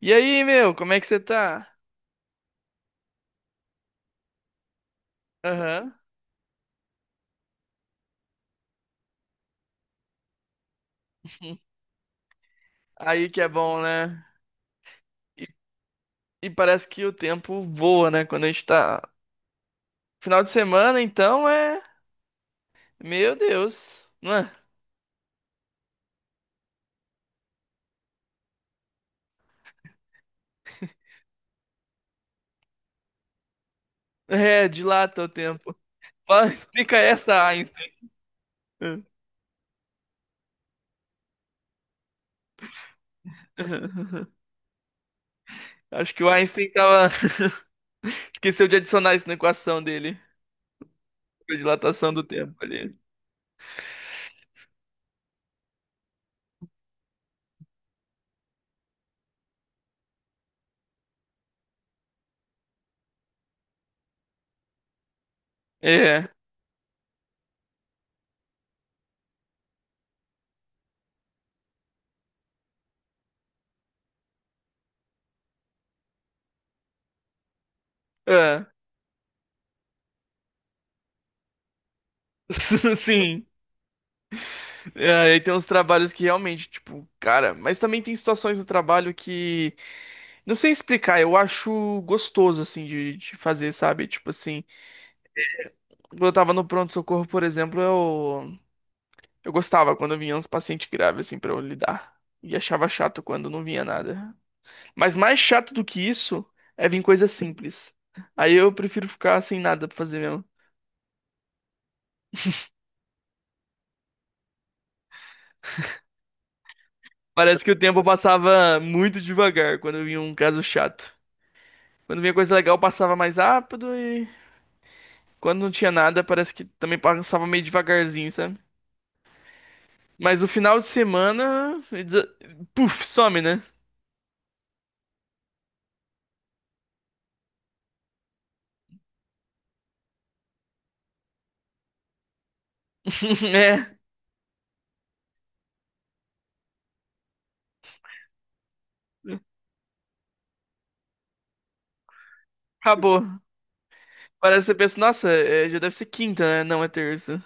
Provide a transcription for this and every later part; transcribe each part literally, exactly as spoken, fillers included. E aí, meu, como é que você tá? Aham. Aí que é bom, né? E, e parece que o tempo voa, né? Quando a gente tá. Final de semana, então é. Meu Deus. Não é? É, dilata o tempo. Fala, explica essa, Einstein. Acho que o Einstein tava. Esqueceu de adicionar isso na equação dele. A dilatação do tempo ali. É. É. Sim. É, aí tem uns trabalhos que realmente, tipo, cara, mas também tem situações no trabalho que não sei explicar, eu acho gostoso, assim, de, de fazer, sabe? Tipo assim, quando eu tava no pronto-socorro, por exemplo, eu, eu gostava quando vinha uns pacientes graves, assim, pra eu lidar. E achava chato quando não vinha nada. Mas mais chato do que isso é vir coisa simples. Aí eu prefiro ficar sem nada pra fazer mesmo. Parece que o tempo passava muito devagar quando vinha um caso chato. Quando vinha coisa legal, passava mais rápido e quando não tinha nada, parece que também passava meio devagarzinho, sabe? Mas o final de semana, des- puf, some, né? É, acabou. Parece que você pensa, nossa, é, já deve ser quinta, né? Não, é terça.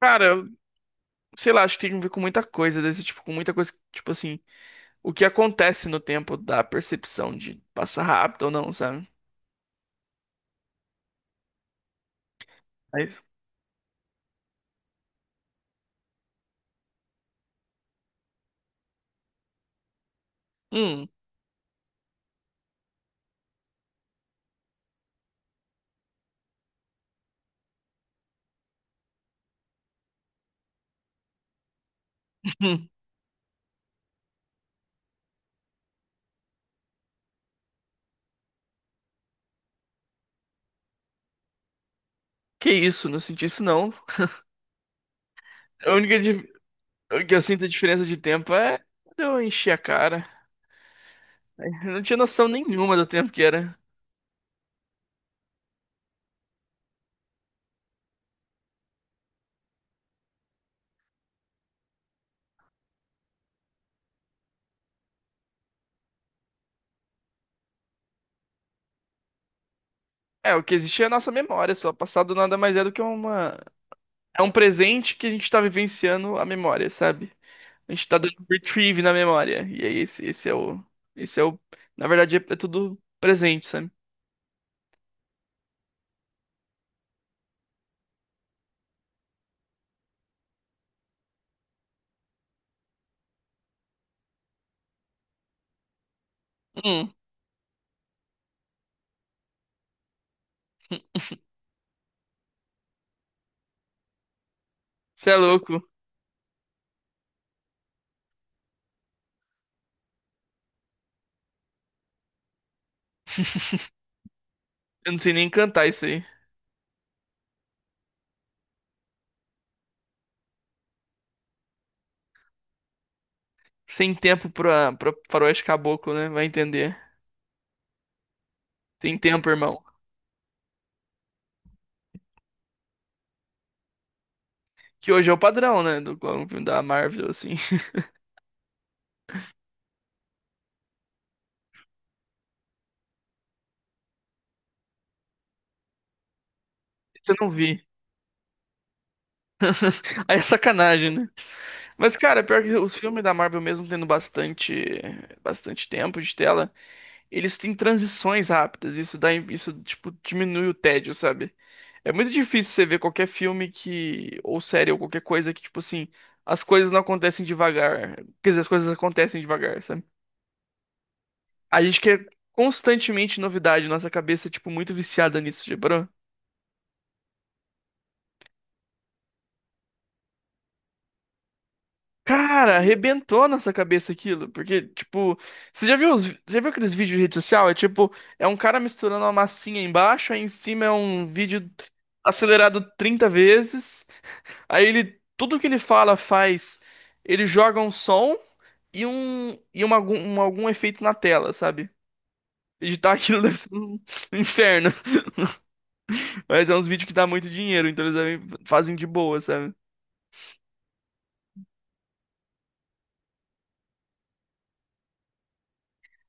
Cara, eu- sei lá, acho que tem a ver com muita coisa desse tipo, com muita coisa, que, tipo assim, o que acontece no tempo da percepção de passar rápido ou não, sabe? É isso. Hum, que isso, não senti isso não. A única di- que eu sinto a diferença de tempo é quando eu enchi a cara. Eu não tinha noção nenhuma do tempo que era. É, o que existe é a nossa memória, só. O passado nada mais é do que uma. É um presente que a gente tá vivenciando a memória, sabe? A gente tá dando retrieve na memória. E aí, esse, esse é o. Esse é o. Na verdade, é, é tudo presente, sabe? Hum, você é louco. Eu não sei nem cantar isso aí. Sem tempo pra, pra faroeste caboclo, né? Vai entender. Tem tempo, irmão. Que hoje é o padrão, né? Do do filme da Marvel, assim. Isso eu não vi. Aí é sacanagem, né? Mas, cara, pior que os filmes da Marvel, mesmo tendo bastante, bastante tempo de tela, eles têm transições rápidas. Isso dá, isso, tipo, diminui o tédio, sabe? É muito difícil você ver qualquer filme que, ou série, ou qualquer coisa que, tipo assim, as coisas não acontecem devagar. Quer dizer, as coisas acontecem devagar, sabe? A gente quer constantemente novidade, nossa cabeça é, tipo, muito viciada nisso, tipo. Cara, arrebentou nossa cabeça aquilo, porque, tipo, você já viu os, você já viu aqueles vídeos de rede social? É tipo, é um cara misturando uma massinha embaixo, aí em cima é um vídeo acelerado trinta vezes, aí ele, tudo que ele fala faz, ele joga um som e um, e uma, algum, um- algum efeito na tela, sabe? Editar aquilo deve ser um inferno, mas é uns vídeos que dá muito dinheiro, então eles devem- fazem de boa, sabe?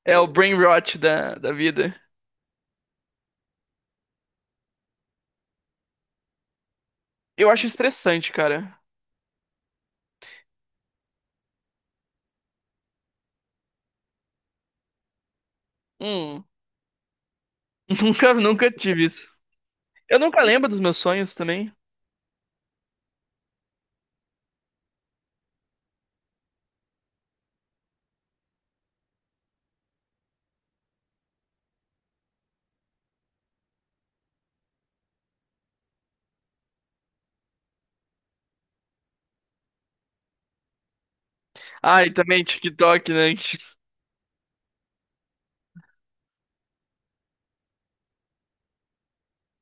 É o brain rot da, da vida. Eu acho estressante, cara. Hum. Nunca, nunca tive isso. Eu nunca lembro dos meus sonhos também. Ah, e também TikTok, né?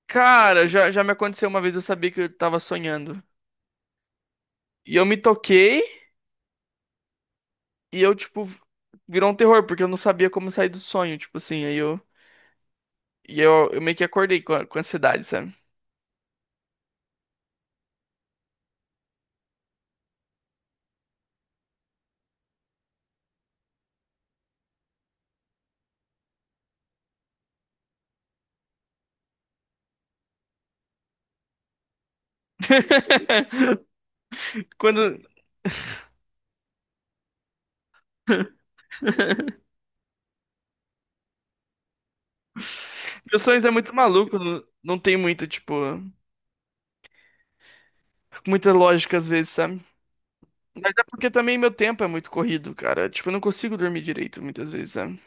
Cara, já, já me aconteceu uma vez, eu sabia que eu tava sonhando. E eu me toquei e eu, tipo, virou um terror, porque eu não sabia como sair do sonho, tipo assim, aí eu. E eu, eu meio que acordei com, a- com ansiedade, sabe? Quando. Meus sonhos é muito maluco, não, não tem muito, tipo, muita lógica às vezes, sabe? Mas é porque também meu tempo é muito corrido, cara. Tipo, eu não consigo dormir direito muitas vezes, sabe?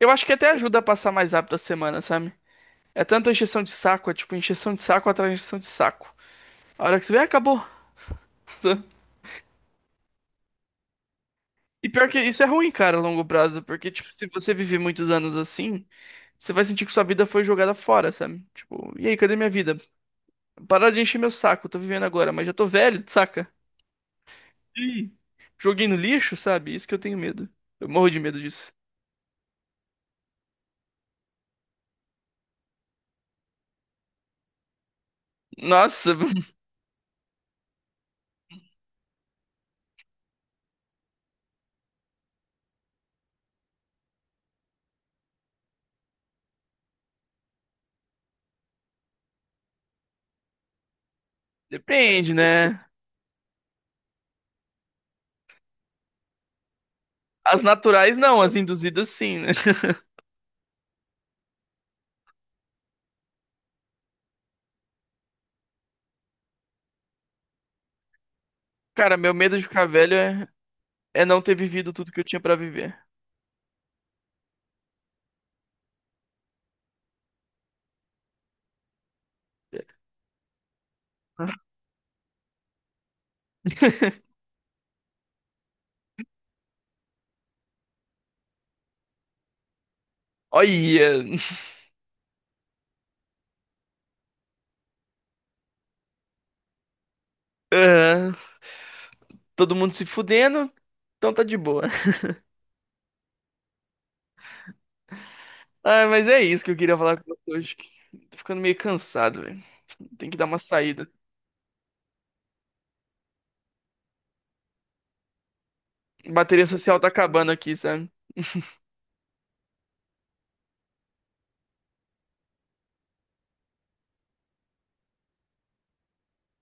Eu acho que até ajuda a passar mais rápido a semana, sabe? É tanta encheção de saco, é tipo encheção de saco atrás de encheção de saco. A hora que você vê, acabou. sabe? E pior que isso é ruim, cara, a longo prazo, porque, tipo, se você viver muitos anos assim, você vai sentir que sua vida foi jogada fora, sabe? Tipo, e aí, cadê minha vida? Parar de encher meu saco, tô vivendo agora, mas já tô velho, saca? Ih, joguei no lixo, sabe? Isso que eu tenho medo. Eu morro de medo disso. Nossa, depende, né? As naturais não, as induzidas sim, né? Cara, meu medo de ficar velho é. É não ter vivido tudo que eu tinha pra viver. Olha, aham, todo mundo se fudendo, então tá de boa. Ah, mas é isso que eu queria falar com você hoje. Tô ficando meio cansado, velho. Tem que dar uma saída. Bateria social tá acabando aqui, sabe?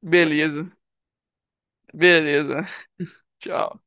Beleza, beleza. Tchau.